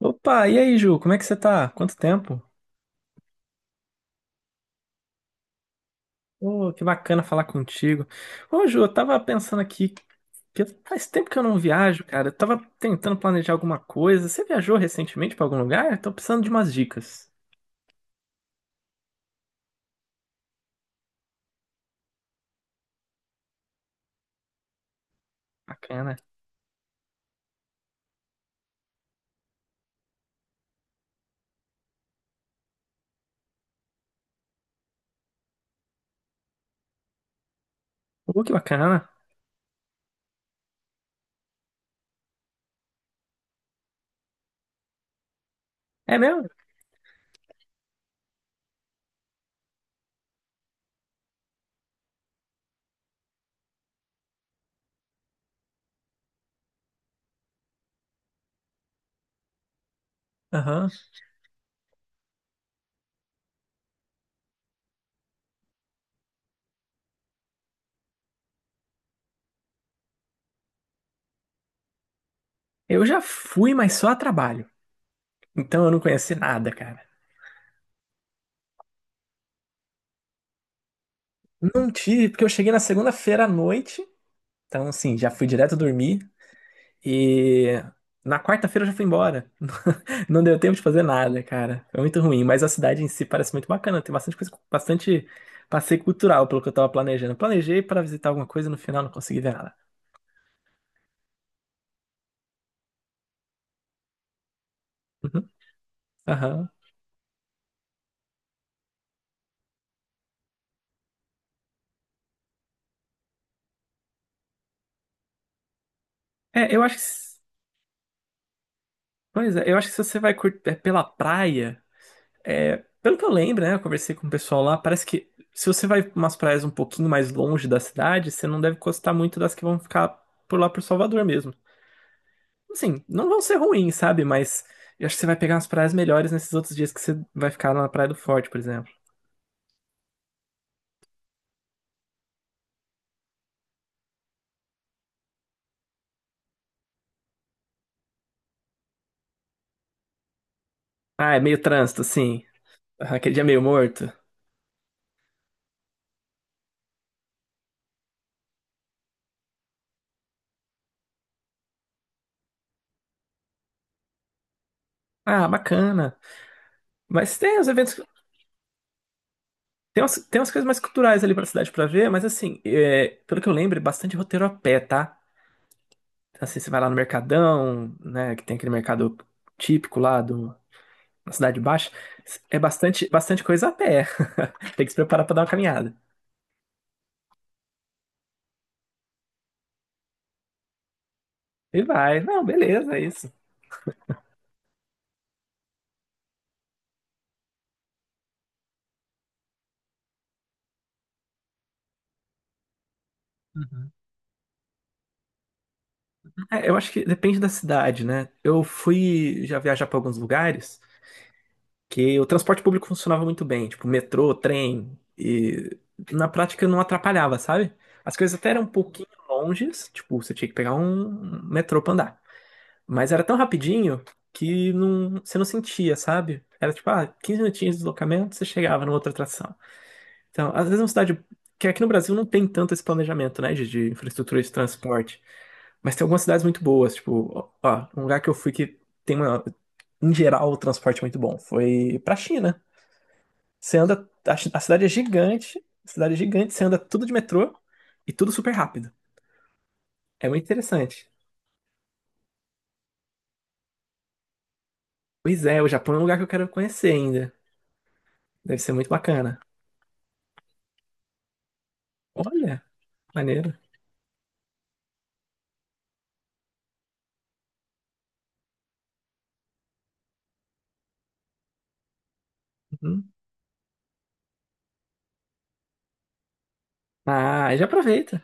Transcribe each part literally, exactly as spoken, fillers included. Opa, e aí, Ju, como é que você tá? Quanto tempo? Ô, que bacana falar contigo. Ô, Ju, eu tava pensando aqui que faz tempo que eu não viajo, cara. Eu tava tentando planejar alguma coisa. Você viajou recentemente pra algum lugar? Tô precisando de umas dicas. Bacana. Ô, que bacana. É mesmo? Aham. Eu já fui, mas só a trabalho. Então eu não conheci nada, cara. Não tive, porque eu cheguei na segunda-feira à noite. Então, assim, já fui direto dormir. E na quarta-feira eu já fui embora. Não deu tempo de fazer nada, cara. Foi muito ruim, mas a cidade em si parece muito bacana. Tem bastante coisa, bastante passeio cultural, pelo que eu tava planejando. Planejei para visitar alguma coisa, no final não consegui ver nada. Uhum. Aham. É, eu acho que. s- Pois é, eu acho que se você vai cur- é, pela praia, é, pelo que eu lembro, né? Eu conversei com o pessoal lá, parece que se você vai pra umas praias um pouquinho mais longe da cidade, você não deve gostar muito das que vão ficar por lá por Salvador mesmo. Assim, não vão ser ruins, sabe? Mas eu acho que você vai pegar umas praias melhores nesses outros dias que você vai ficar lá na Praia do Forte, por exemplo. Ah, é meio trânsito, assim. Ah, aquele dia meio morto. Ah, bacana. Mas tem os eventos. Tem umas, tem umas coisas mais culturais ali pra cidade pra ver, mas assim, é, pelo que eu lembro, é bastante roteiro a pé, tá? Então, assim, você vai lá no Mercadão, né? Que tem aquele mercado típico lá do, na Cidade Baixa. É bastante, bastante coisa a pé. Tem que se preparar pra dar uma caminhada. E vai. Não, beleza, é isso. É, eu acho que depende da cidade, né? Eu fui já viajar para alguns lugares que o transporte público funcionava muito bem, tipo metrô, trem, e na prática não atrapalhava, sabe? As coisas até eram um pouquinho longes, tipo, você tinha que pegar um metrô pra andar. Mas era tão rapidinho que não, você não sentia, sabe? Era tipo, ah, quinze minutinhos de deslocamento, você chegava numa outra atração. Então, às vezes é uma cidade que aqui no Brasil não tem tanto esse planejamento, né, de, de infraestrutura de transporte. Mas tem algumas cidades muito boas, tipo, ó, um lugar que eu fui que tem uma, em geral, o transporte muito bom. Foi pra China. Você anda, a, chi- a cidade é gigante, a cidade é gigante, você anda tudo de metrô e tudo super rápido. É muito interessante. Pois é, o Japão é um lugar que eu quero conhecer ainda. Deve ser muito bacana. Olha, maneiro. Uhum. Ah, já aproveita.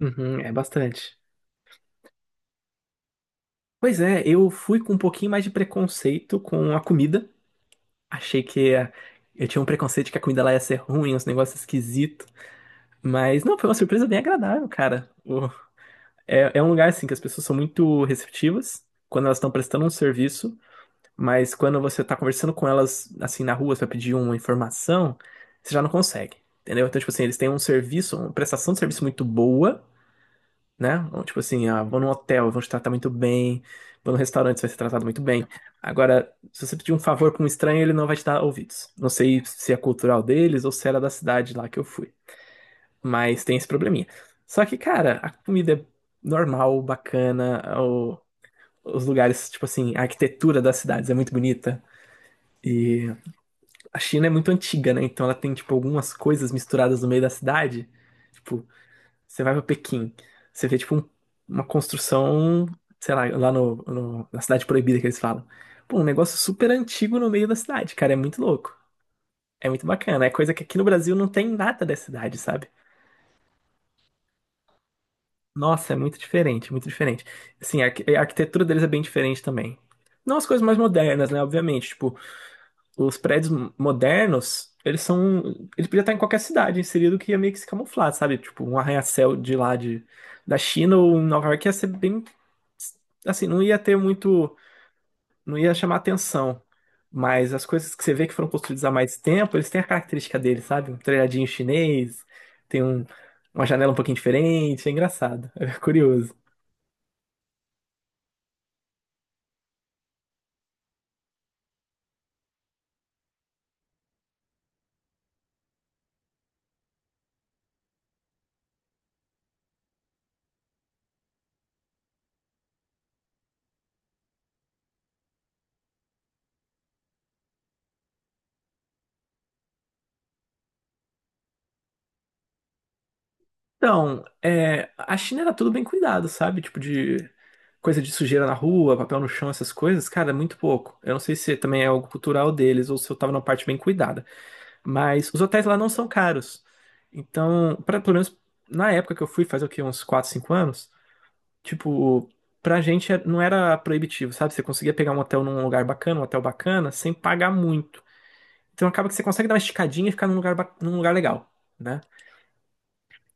Uhum, é bastante. Pois é, eu fui com um pouquinho mais de preconceito com a comida. Achei que a- eu tinha um preconceito que a comida lá ia ser ruim, uns negócios esquisitos. Mas não, foi uma surpresa bem agradável, cara. O- É, é um lugar assim que as pessoas são muito receptivas quando elas estão prestando um serviço, mas quando você tá conversando com elas assim na rua pra pedir uma informação, você já não consegue. Entendeu? Então, tipo assim, eles têm um serviço, uma prestação de serviço muito boa, né? Então, tipo assim, ah, vou num hotel, vão te tratar muito bem, vou num restaurante, você vai ser tratado muito bem. Agora, se você pedir um favor pra um estranho, ele não vai te dar ouvidos. Não sei se é cultural deles ou se era da cidade lá que eu fui. Mas tem esse probleminha. Só que, cara, a comida é normal, bacana, o- os lugares, tipo assim, a arquitetura das cidades é muito bonita. E a China é muito antiga, né? Então ela tem, tipo, algumas coisas misturadas no meio da cidade. Tipo, você vai pra Pequim, você vê, tipo, um- uma construção, sei lá, lá no, no- na Cidade Proibida que eles falam. Pô, um negócio super antigo no meio da cidade, cara, é muito louco. É muito bacana. É coisa que aqui no Brasil não tem nada da cidade, sabe? Nossa, é muito diferente, muito diferente. Assim, a, arqu- a arquitetura deles é bem diferente também. Não as coisas mais modernas, né? Obviamente, tipo, os prédios m- modernos, eles são. Ele podia estar em qualquer cidade inserido que ia meio que se camuflar, sabe? Tipo, um arranha-céu de lá de, da China ou em Nova York ia ser bem. Assim, não ia ter muito. Não ia chamar atenção. Mas as coisas que você vê que foram construídas há mais tempo, eles têm a característica deles, sabe? Um telhadinho chinês, tem um, uma janela um pouquinho diferente, é engraçado, é curioso. Então, é, a China era tudo bem cuidado, sabe? Tipo de coisa de sujeira na rua, papel no chão, essas coisas, cara, é muito pouco. Eu não sei se também é algo cultural deles ou se eu tava numa parte bem cuidada, mas os hotéis lá não são caros. Então, pra, pelo menos na época que eu fui, faz o quê? Uns quatro, cinco anos, tipo, pra gente é- não era proibitivo, sabe? Você conseguia pegar um hotel num lugar bacana, um hotel bacana, sem pagar muito. Então acaba que você consegue dar uma esticadinha e ficar num lugar, ba- num lugar legal. Né?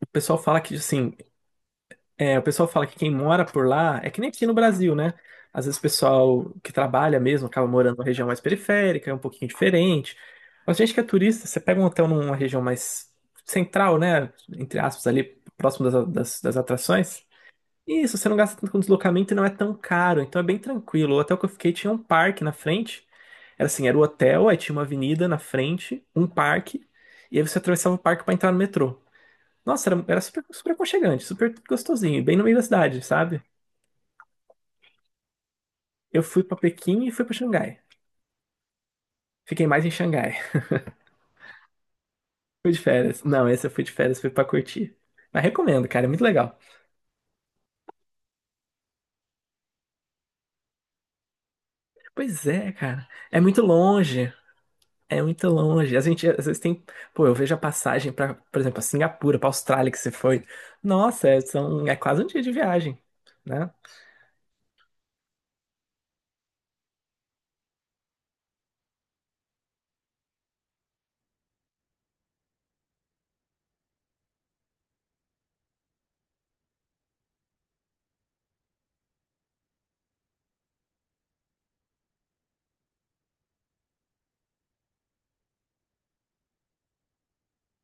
O pessoal fala que, assim, é, o pessoal fala que quem mora por lá é que nem aqui no Brasil, né? Às vezes o pessoal que trabalha mesmo acaba morando numa região mais periférica, é um pouquinho diferente. Mas gente que é turista, você pega um hotel numa região mais central, né? Entre aspas, ali próximo das, das, das atrações. E isso, você não gasta tanto com deslocamento e não é tão caro, então é bem tranquilo. O hotel que eu fiquei tinha um parque na frente. Era assim, era o hotel, aí tinha uma avenida na frente, um parque, e aí você atravessava o parque para entrar no metrô. Nossa, era, era super, super aconchegante, super gostosinho, bem no meio da cidade, sabe? Eu fui pra Pequim e fui pra Xangai. Fiquei mais em Xangai. Fui de férias. Não, esse eu fui de férias, fui pra curtir. Mas recomendo, cara, é muito legal. Pois é, cara. É muito longe. É muito longe. A gente às vezes tem. Pô, eu vejo a passagem pra, por exemplo, a Singapura, pra Austrália que você foi. Nossa, é, são, é quase um dia de viagem, né?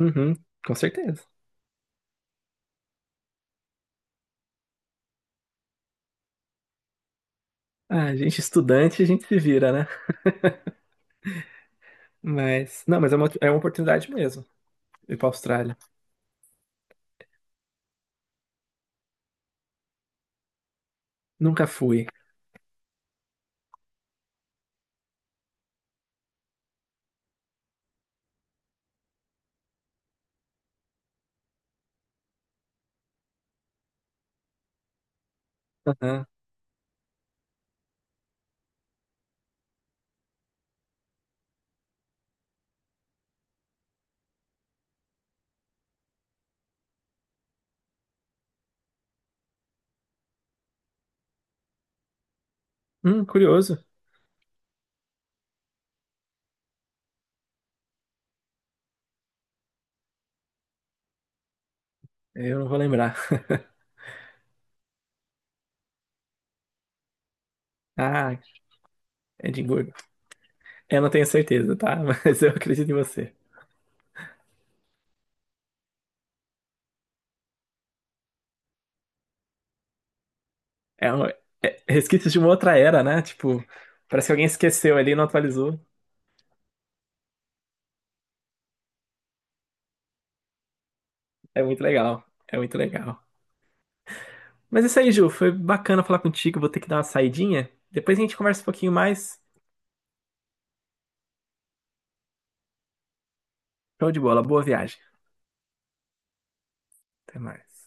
Uhum, com certeza. Ah, gente, estudante, a gente se vira, né? Mas, não, mas é uma, é uma oportunidade mesmo ir pra Austrália. Nunca fui. Aham. Hum, curioso. Eu não vou lembrar. Ah, Edimburgo. Eu não tenho certeza, tá? Mas eu acredito em você. É, um, é resquícios de uma outra era, né? Tipo, parece que alguém esqueceu ali e não atualizou. É muito legal. É muito legal. Mas é isso aí, Ju. Foi bacana falar contigo. Vou ter que dar uma saidinha. Depois a gente conversa um pouquinho mais. Show de bola. Boa viagem. Até mais.